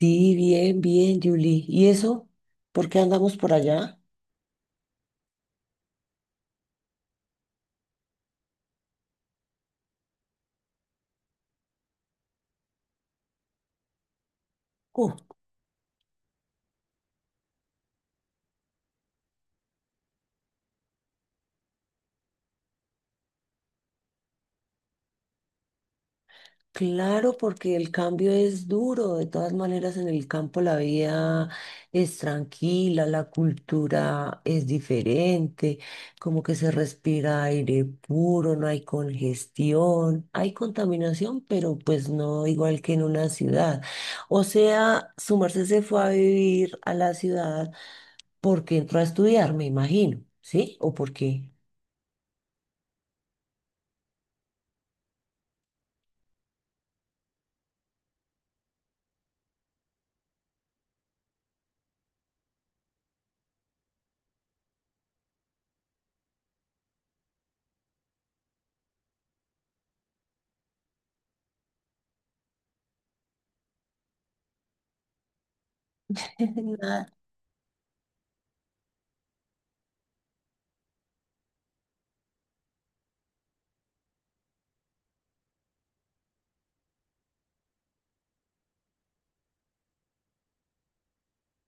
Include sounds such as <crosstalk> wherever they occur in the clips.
Sí, bien, bien, Julie. ¿Y eso? ¿Por qué andamos por allá? Uh, claro, porque el cambio es duro. De todas maneras, en el campo la vida es tranquila, la cultura es diferente, como que se respira aire puro, no hay congestión, hay contaminación, pero pues no igual que en una ciudad. O sea, su merced se fue a vivir a la ciudad porque entró a estudiar, me imagino, ¿sí? ¿O por qué? <laughs> Nada.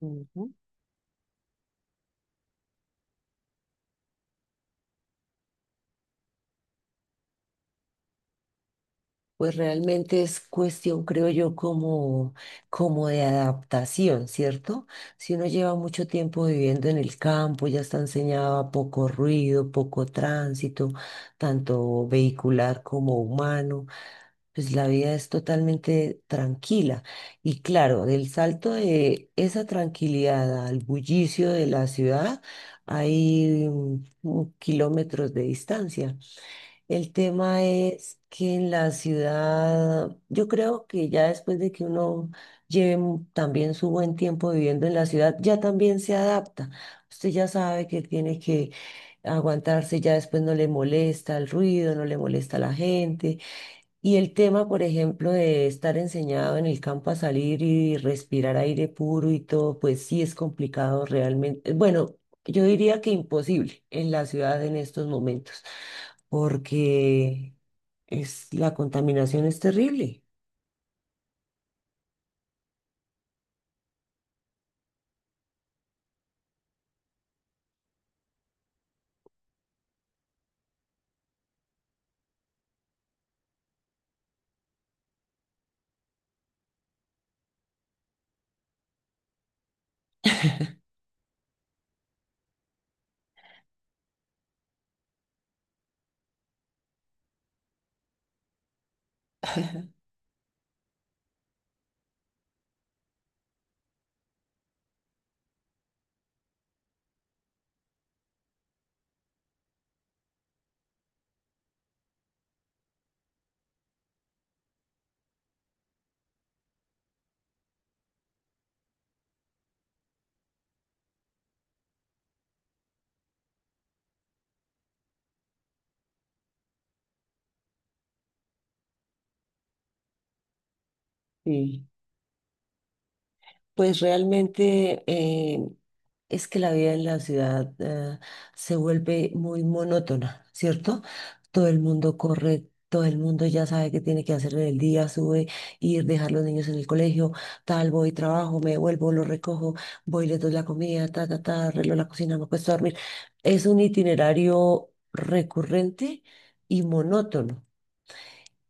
Ujú. Pues realmente es cuestión, creo yo, como de adaptación, ¿cierto? Si uno lleva mucho tiempo viviendo en el campo, ya está enseñado a poco ruido, poco tránsito, tanto vehicular como humano, pues la vida es totalmente tranquila. Y claro, del salto de esa tranquilidad al bullicio de la ciudad, hay kilómetros de distancia. El tema es que en la ciudad, yo creo que ya después de que uno lleve también su buen tiempo viviendo en la ciudad, ya también se adapta. Usted ya sabe que tiene que aguantarse, ya después no le molesta el ruido, no le molesta la gente, y el tema, por ejemplo, de estar enseñado en el campo a salir y respirar aire puro y todo, pues sí es complicado realmente. Bueno, yo diría que imposible en la ciudad en estos momentos, porque la contaminación es terrible. Sí, pues realmente, es que la vida en la ciudad, se vuelve muy monótona, ¿cierto? Todo el mundo corre, todo el mundo ya sabe qué tiene que hacer en el día, sube, ir, dejar los niños en el colegio, tal, voy, trabajo, me vuelvo, lo recojo, voy, le doy la comida, ta, ta, ta, arreglo la cocina, me acuesto a dormir. Es un itinerario recurrente y monótono.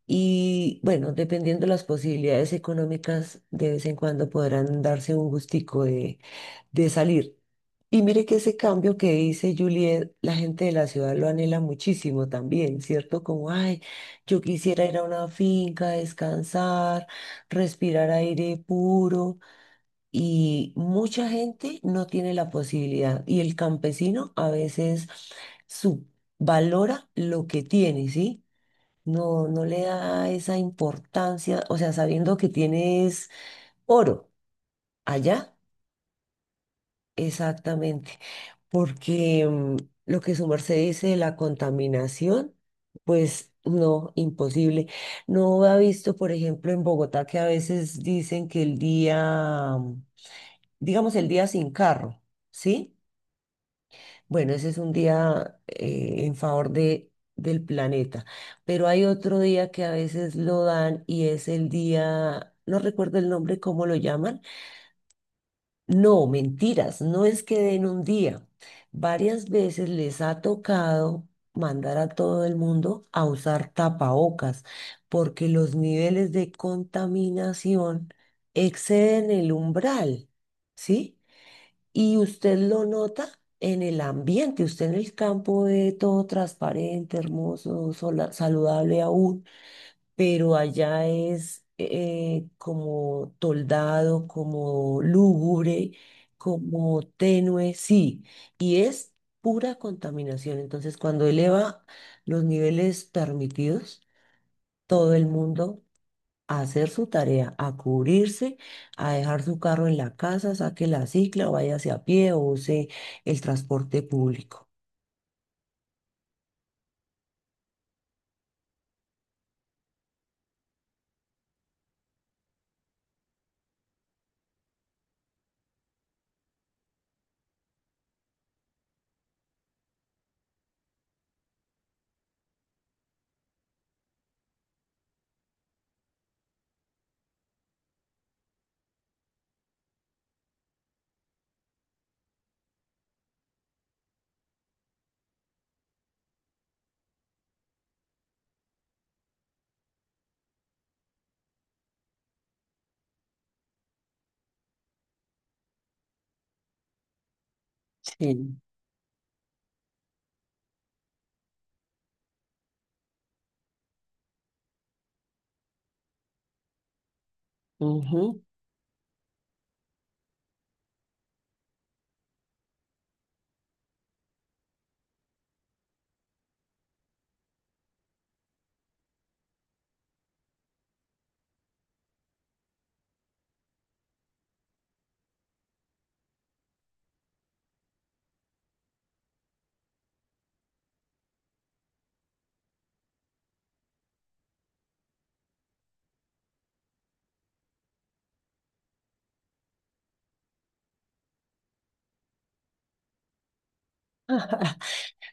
Y bueno, dependiendo de las posibilidades económicas, de vez en cuando podrán darse un gustico de salir. Y mire que ese cambio que dice Juliet, la gente de la ciudad lo anhela muchísimo también, ¿cierto? Como, ay, yo quisiera ir a una finca, descansar, respirar aire puro. Y mucha gente no tiene la posibilidad. Y el campesino a veces subvalora lo que tiene, ¿sí? No, no le da esa importancia, o sea, sabiendo que tienes oro. Allá exactamente, porque lo que su merced dice de la contaminación, pues no, imposible. No ha visto, por ejemplo, en Bogotá que a veces dicen que el día, digamos, el día sin carro, ¿sí? Bueno, ese es un día en favor de, del planeta, pero hay otro día que a veces lo dan y es el día, no recuerdo el nombre, ¿cómo lo llaman? No, mentiras, no es que den un día. Varias veces les ha tocado mandar a todo el mundo a usar tapabocas porque los niveles de contaminación exceden el umbral, ¿sí? Y usted lo nota en el ambiente, usted en el campo ve todo transparente, hermoso, saludable aún, pero allá es como toldado, como lúgubre, como tenue, sí, y es pura contaminación. Entonces, cuando eleva los niveles permitidos, todo el mundo a hacer su tarea, a cubrirse, a dejar su carro en la casa, saque la cicla, o váyase a pie o use el transporte público. Sí. Ujú.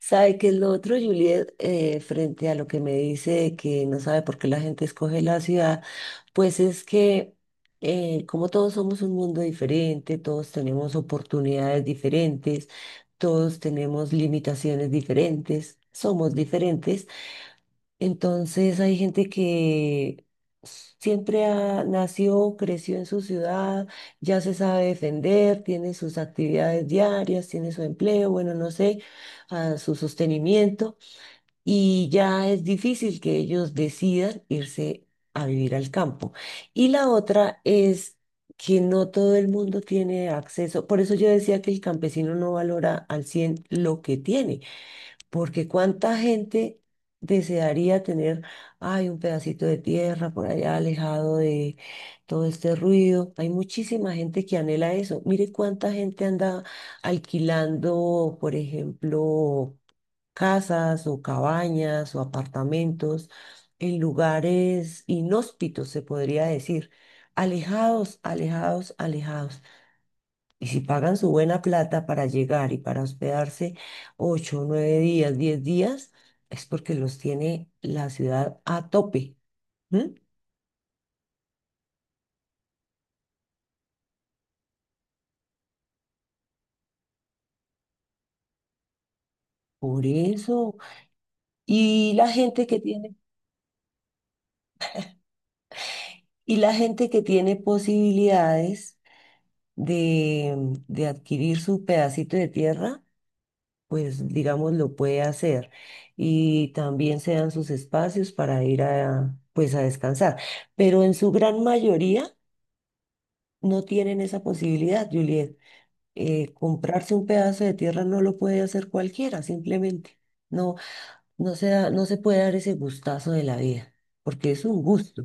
¿Sabe qué es lo otro, Juliet? Frente a lo que me dice de que no sabe por qué la gente escoge la ciudad, pues es que, como todos somos un mundo diferente, todos tenemos oportunidades diferentes, todos tenemos limitaciones diferentes, somos diferentes. Entonces hay gente que siempre nació, creció en su ciudad, ya se sabe defender, tiene sus actividades diarias, tiene su empleo, bueno, no sé, su sostenimiento, y ya es difícil que ellos decidan irse a vivir al campo. Y la otra es que no todo el mundo tiene acceso, por eso yo decía que el campesino no valora al 100 lo que tiene, porque cuánta gente desearía tener, ay, un pedacito de tierra por allá alejado de todo este ruido. Hay muchísima gente que anhela eso. Mire cuánta gente anda alquilando, por ejemplo, casas o cabañas o apartamentos en lugares inhóspitos, se podría decir, alejados, alejados, alejados. Y si pagan su buena plata para llegar y para hospedarse 8, 9 días, 10 días, es porque los tiene la ciudad a tope. ¿M? Por eso. Y la gente que tiene, y la gente que tiene posibilidades de, de, adquirir su pedacito de tierra, pues digamos lo puede hacer. Y también se dan sus espacios para ir a, pues a descansar. Pero en su gran mayoría no tienen esa posibilidad, Juliet. Comprarse un pedazo de tierra no lo puede hacer cualquiera, simplemente. No, no se puede dar ese gustazo de la vida, porque es un gusto.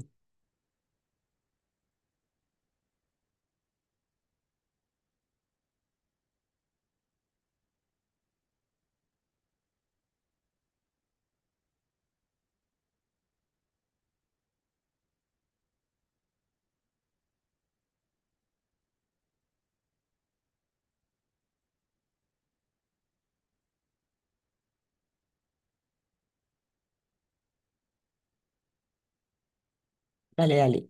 Dale, dale.